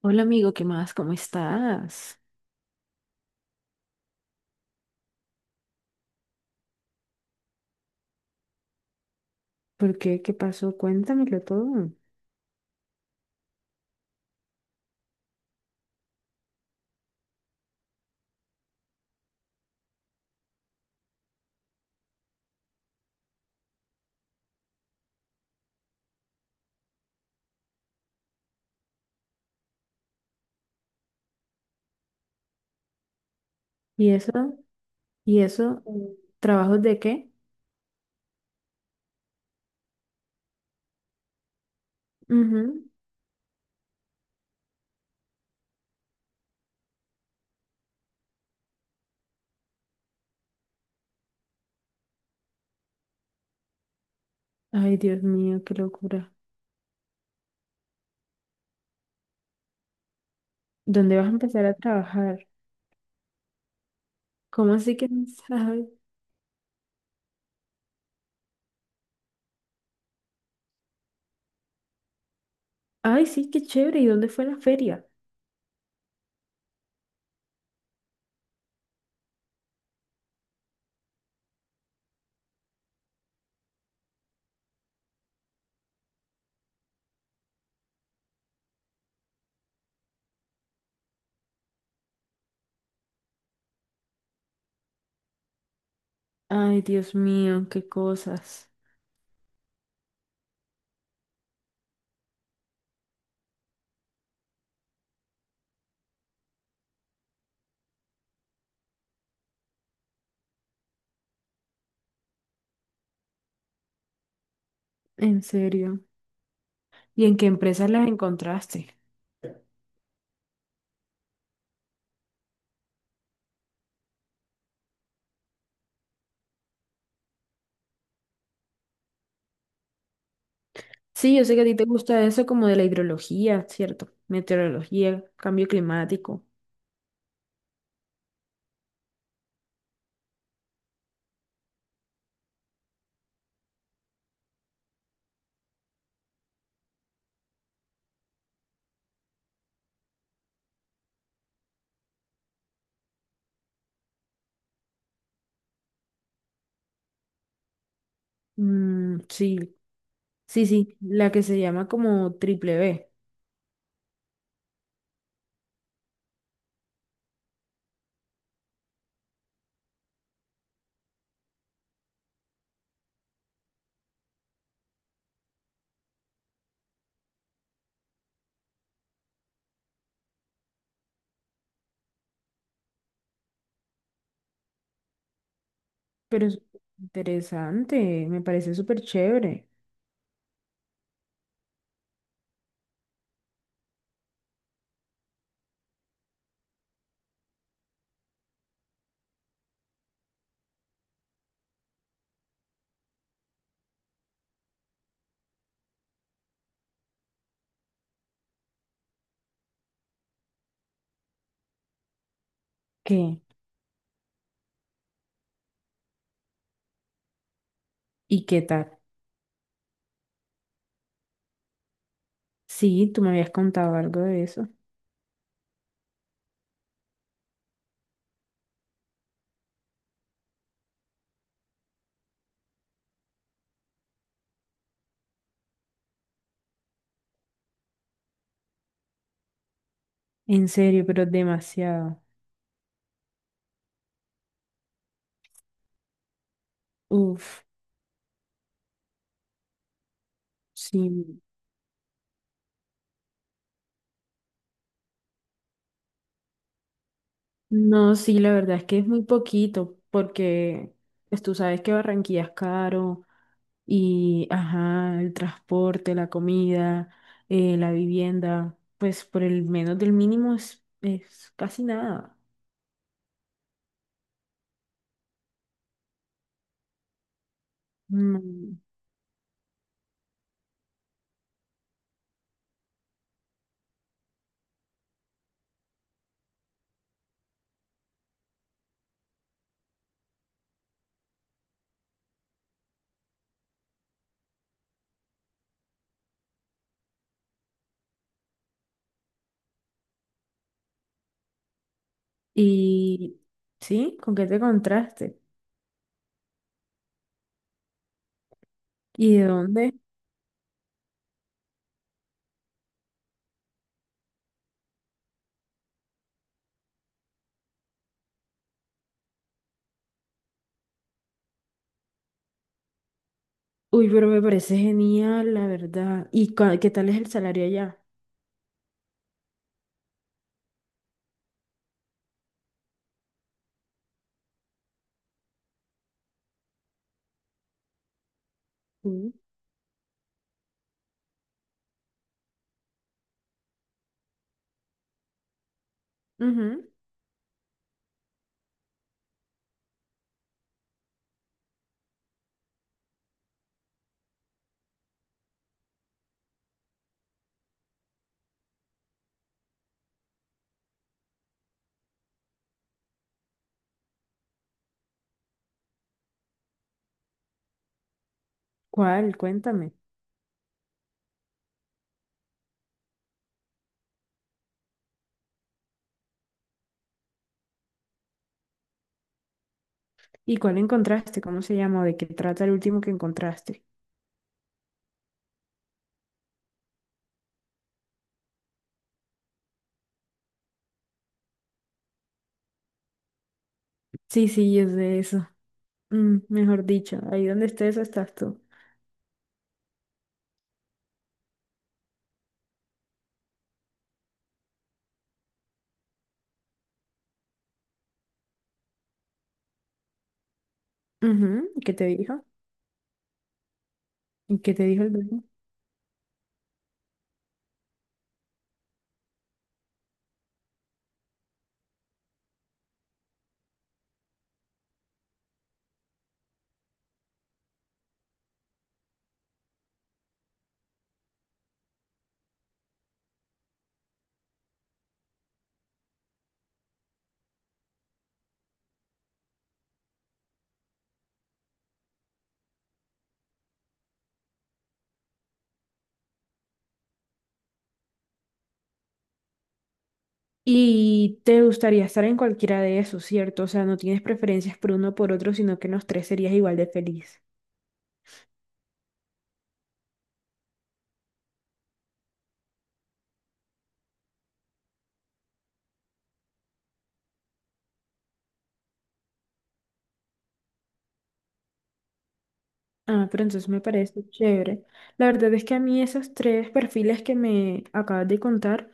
Hola amigo, ¿qué más? ¿Cómo estás? ¿Por qué? ¿Qué pasó? Cuéntamelo todo. ¿Y eso? ¿Y eso? ¿Trabajos de qué? Ujú. Ay, Dios mío, qué locura. ¿Dónde vas a empezar a trabajar? ¿Cómo así que no sabes? Ay, sí, qué chévere. ¿Y dónde fue la feria? Ay, Dios mío, qué cosas. En serio. ¿Y en qué empresas las encontraste? Sí, yo sé que a ti te gusta eso como de la hidrología, ¿cierto? Meteorología, cambio climático. Mm, sí. Sí, sí, la que se llama como Triple B. Pero es interesante, me parece súper chévere. ¿Qué? ¿Y qué tal? Sí, tú me habías contado algo de eso. En serio, pero demasiado. Uf, sí. No, sí, la verdad es que es muy poquito, porque pues tú sabes que Barranquilla es caro y, ajá, el transporte, la comida, la vivienda, pues por el menos del mínimo es casi nada. No. Y sí, ¿con qué te contraste? ¿Y de dónde? Uy, pero me parece genial, la verdad. ¿Y cua- qué tal es el salario allá? Sí. Ujú. ¿Cuál? Cuéntame. ¿Y cuál encontraste? ¿Cómo se llama? ¿O de qué trata el último que encontraste? Sí, sí, es de eso. Mm, mejor dicho, ahí donde estés estás tú. Ujú, ¿y ¿Qué te dijo? ¿Y qué te dijo el dueño? Y te gustaría estar en cualquiera de esos, ¿cierto? O sea, no tienes preferencias por uno o por otro, sino que en los tres serías igual de feliz. Ah, pero entonces me parece chévere. La verdad es que a mí esos tres perfiles que me acabas de contar,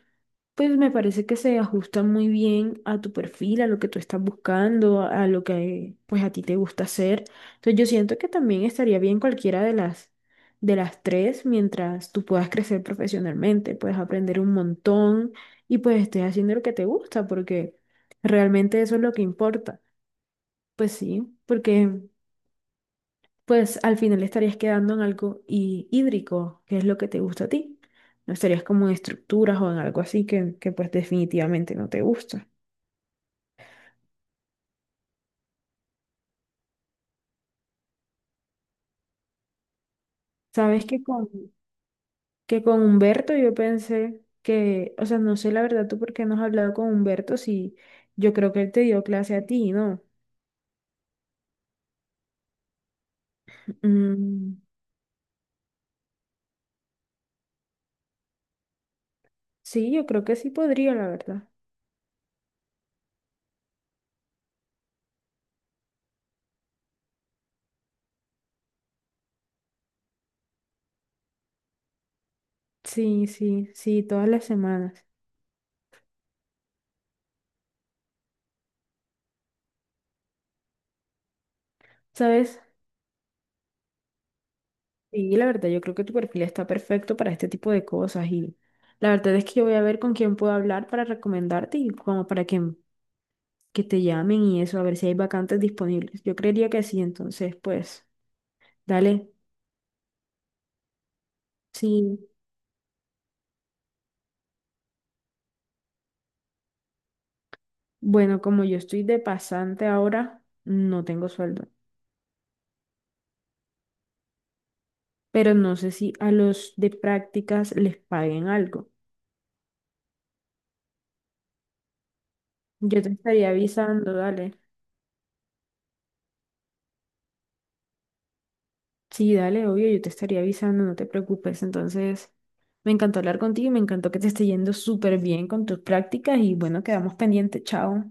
pues me parece que se ajustan muy bien a tu perfil, a lo que tú estás buscando, a lo que pues a ti te gusta hacer. Entonces yo siento que también estaría bien cualquiera de las tres mientras tú puedas crecer profesionalmente, puedes aprender un montón y pues estés haciendo lo que te gusta, porque realmente eso es lo que importa. Pues sí, porque pues al final estarías quedando en algo hí- hídrico, que es lo que te gusta a ti. No estarías como en estructuras o en algo así que pues definitivamente no te gusta. Sabes que con Humberto yo pensé que, o sea, no sé la verdad tú por qué no has hablado con Humberto si yo creo que él te dio clase a ti, ¿no? Mm, sí, yo creo que sí podría, la verdad. Sí, sí, sí, todas las semanas. ¿Sabes? Sí, la verdad, yo creo que tu perfil está perfecto para este tipo de cosas y la verdad es que yo voy a ver con quién puedo hablar para recomendarte y como para que te llamen y eso, a ver si hay vacantes disponibles. Yo creería que sí, entonces pues dale. Sí, bueno, como yo estoy de pasante ahora, no tengo sueldo, pero no sé si a los de prácticas les paguen algo. Yo te estaría avisando, dale. Sí, dale, obvio, yo te estaría avisando, no te preocupes. Entonces, me encantó hablar contigo y me encantó que te esté yendo súper bien con tus prácticas y bueno, quedamos pendientes, chao.